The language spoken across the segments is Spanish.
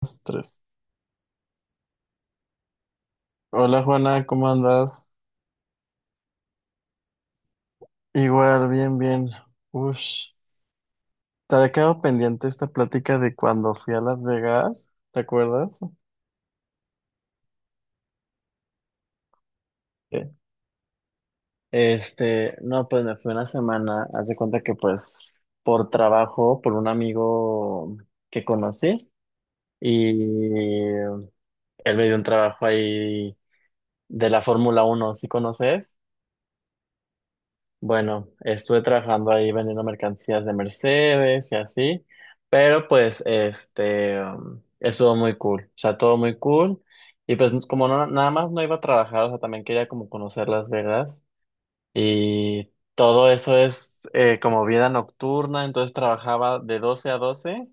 Dos, tres. Hola Juana, ¿cómo andas? Igual, bien, bien. Ush, te había quedado pendiente esta plática de cuando fui a Las Vegas, ¿te acuerdas? Sí. Este, no, pues me fui una semana, haz de cuenta que pues por trabajo, por un amigo que conocí y él me dio un trabajo ahí de la Fórmula Uno. ¿Sí conoces? Bueno, estuve trabajando ahí vendiendo mercancías de Mercedes y así, pero pues estuvo muy cool, o sea, todo muy cool. Y pues como no, nada más no iba a trabajar, o sea, también quería como conocer Las Vegas y todo eso es como vida nocturna. Entonces trabajaba de 12 a 12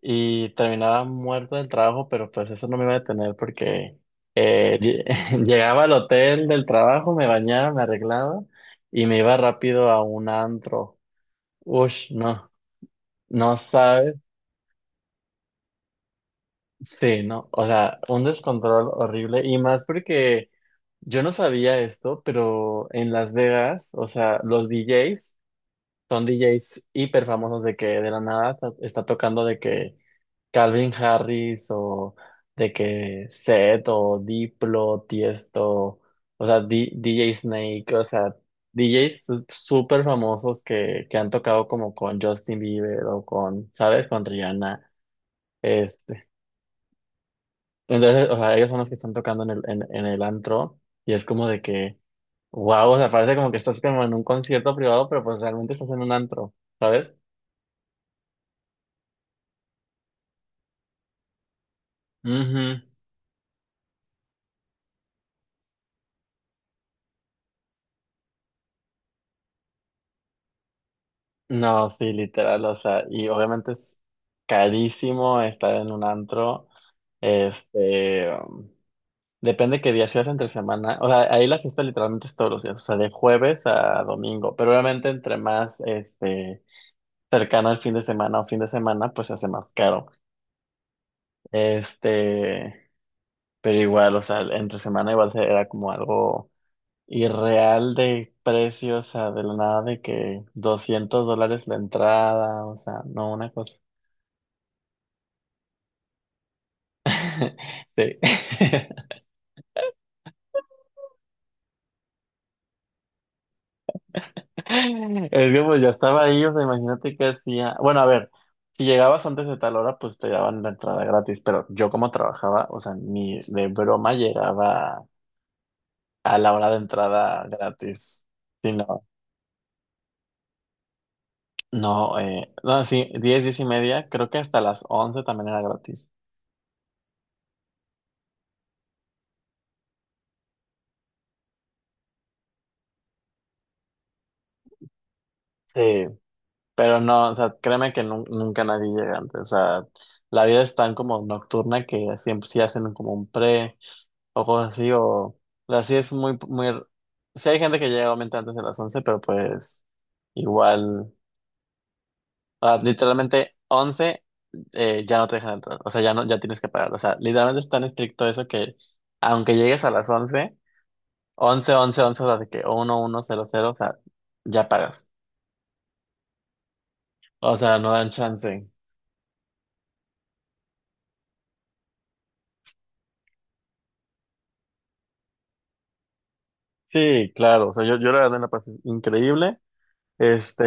y terminaba muerto del trabajo, pero pues eso no me iba a detener porque llegaba al hotel del trabajo, me bañaba, me arreglaba y me iba rápido a un antro. Ush, no, no sabes. Sí, no, o sea, un descontrol horrible y más porque yo no sabía esto, pero en Las Vegas, o sea, los DJs son DJs hiper famosos. De que de la nada está tocando, de que Calvin Harris o de que Seth o Diplo, Tiesto, o sea, DJ Snake, o sea, súper famosos que han tocado como con Justin Bieber o con, ¿sabes? Con Rihanna. Este. Entonces, o sea, ellos son los que están tocando en el antro y es como de que wow, o sea, parece como que estás como en un concierto privado, pero pues realmente estás en un antro, ¿sabes? Ujú. No, sí, literal, o sea, y obviamente es carísimo estar en un antro, este, um, depende qué día seas entre semana. O sea, ahí la fiesta literalmente es todos los días, o sea, de jueves a domingo, pero obviamente entre más, este, cercano al fin de semana o fin de semana, pues se hace más caro, este, pero igual, o sea, entre semana igual era como algo irreal de precios, o sea, de la nada de que $200 la entrada, o sea, no, una cosa. Sí. Es que pues ya estaba ahí, o sea, imagínate qué hacía. Bueno, a ver, si llegabas antes de tal hora, pues te daban la entrada gratis, pero yo como trabajaba, o sea, ni de broma llegaba a la hora de entrada gratis. Sí, no, no, no, sí, 10, 10:30, creo que hasta las 11 también era gratis. Sí, pero no, o sea, créeme que nunca nadie llega antes, o sea, la vida es tan como nocturna que siempre sí hacen como un pre, o cosas así. O así es muy, muy, sí hay gente que llega obviamente antes de las 11, pero pues igual, ah, literalmente 11, ya no te dejan entrar, o sea, ya no, ya tienes que pagar, o sea, literalmente es tan estricto eso que aunque llegues a las 11, 11, 11, 11 o sea, de que 11:00, o sea, ya pagas, o sea, no dan chance. Sí, claro, o sea, yo la verdad me la pasé increíble, este...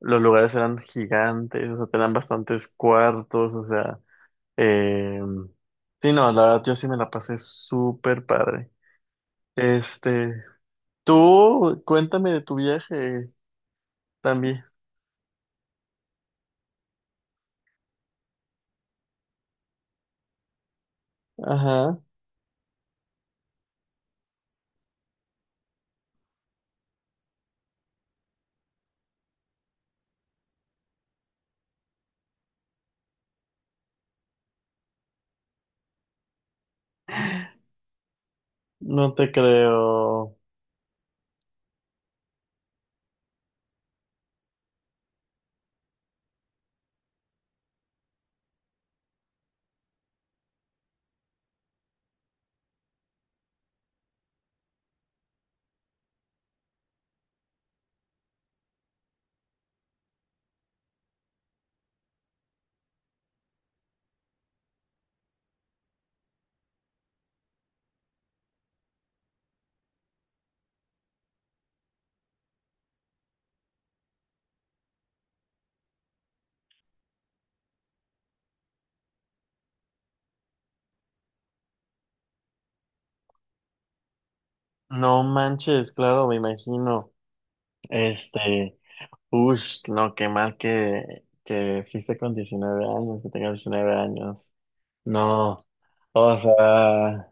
Los lugares eran gigantes, o sea, tenían bastantes cuartos, o sea, Eh, sí, no, la verdad yo sí me la pasé súper padre. Este, tú cuéntame de tu viaje también. Ajá, no te creo. No manches, claro, me imagino. Este, uff, no, qué mal que fuiste con 19 años, que tengas 19 años. No, o sea.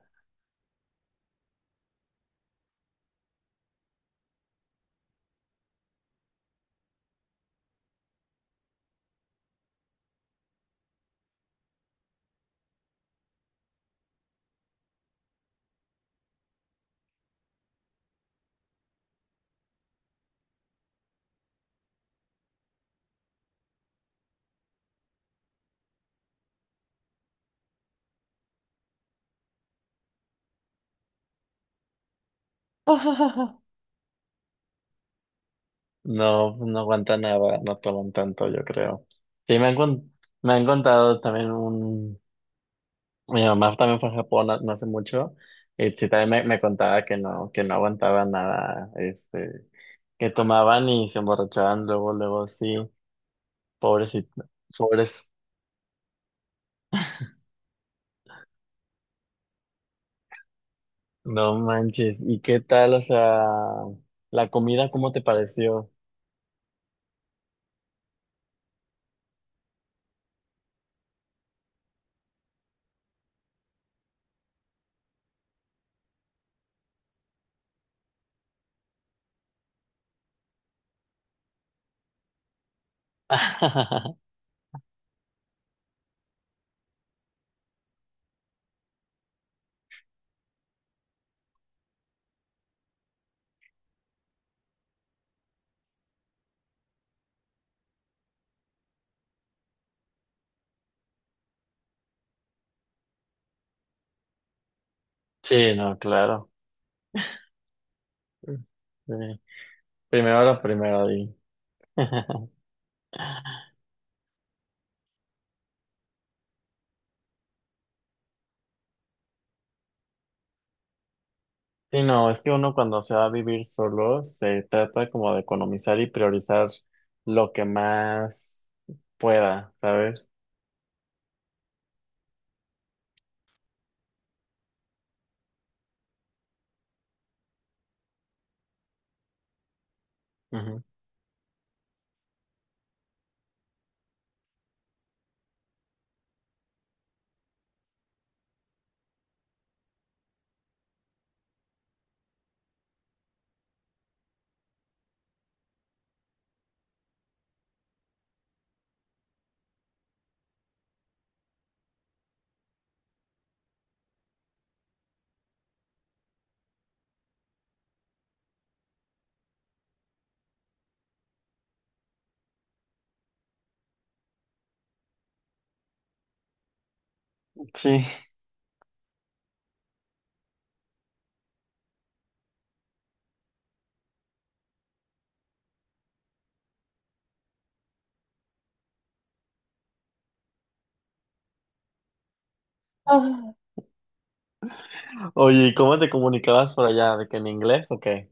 No, no aguantan nada, no toman tanto, yo creo. Sí, me han, me han contado también un... Mi mamá también fue a Japón no, no hace mucho, y sí, también me contaba que no aguantaba nada, este, que tomaban y se emborrachaban luego, luego, sí, pobrecito, pobres, no manches. ¿Y qué tal, o sea, la comida, cómo te pareció? Sí, no, claro. Sí. Primero lo primero, di. Sí, no, es que uno cuando se va a vivir solo se trata como de economizar y priorizar lo que más pueda, ¿sabes? Ujú. Sí. Ah. Oye, ¿y cómo te comunicabas por allá? ¿De que en inglés o qué?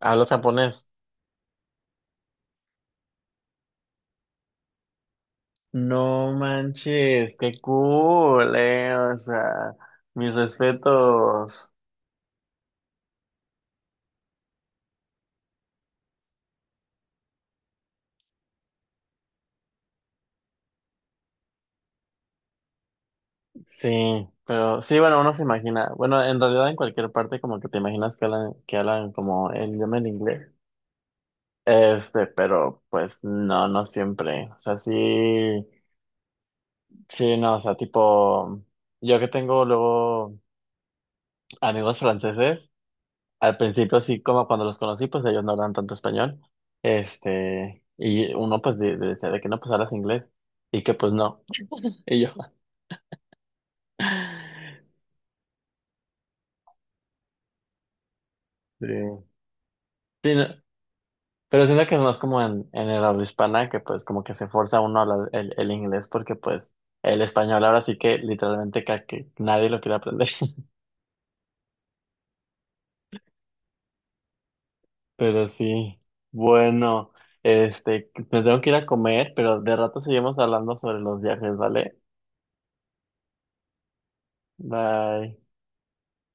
¿Hablas japonés? No manches, qué cool, o sea, mis respetos. Sí, pero sí, bueno, uno se imagina, bueno, en realidad en cualquier parte como que te imaginas que hablan como el idioma en inglés. Este, pero pues no, no siempre. O sea, sí, sí, no, o sea, tipo, yo que tengo luego amigos franceses, al principio sí, como cuando los conocí, pues ellos no hablan tanto español. Este, y uno pues decía de que no, pues hablas inglés y que pues no. Y yo, sí, sí, no, pero siento que es más como en el habla hispana que pues como que se forza uno a hablar el inglés porque pues el español ahora sí que literalmente que nadie lo quiere aprender. Pero sí, bueno, este, me tengo que ir a comer, pero de rato seguimos hablando sobre los viajes, ¿vale? Bye.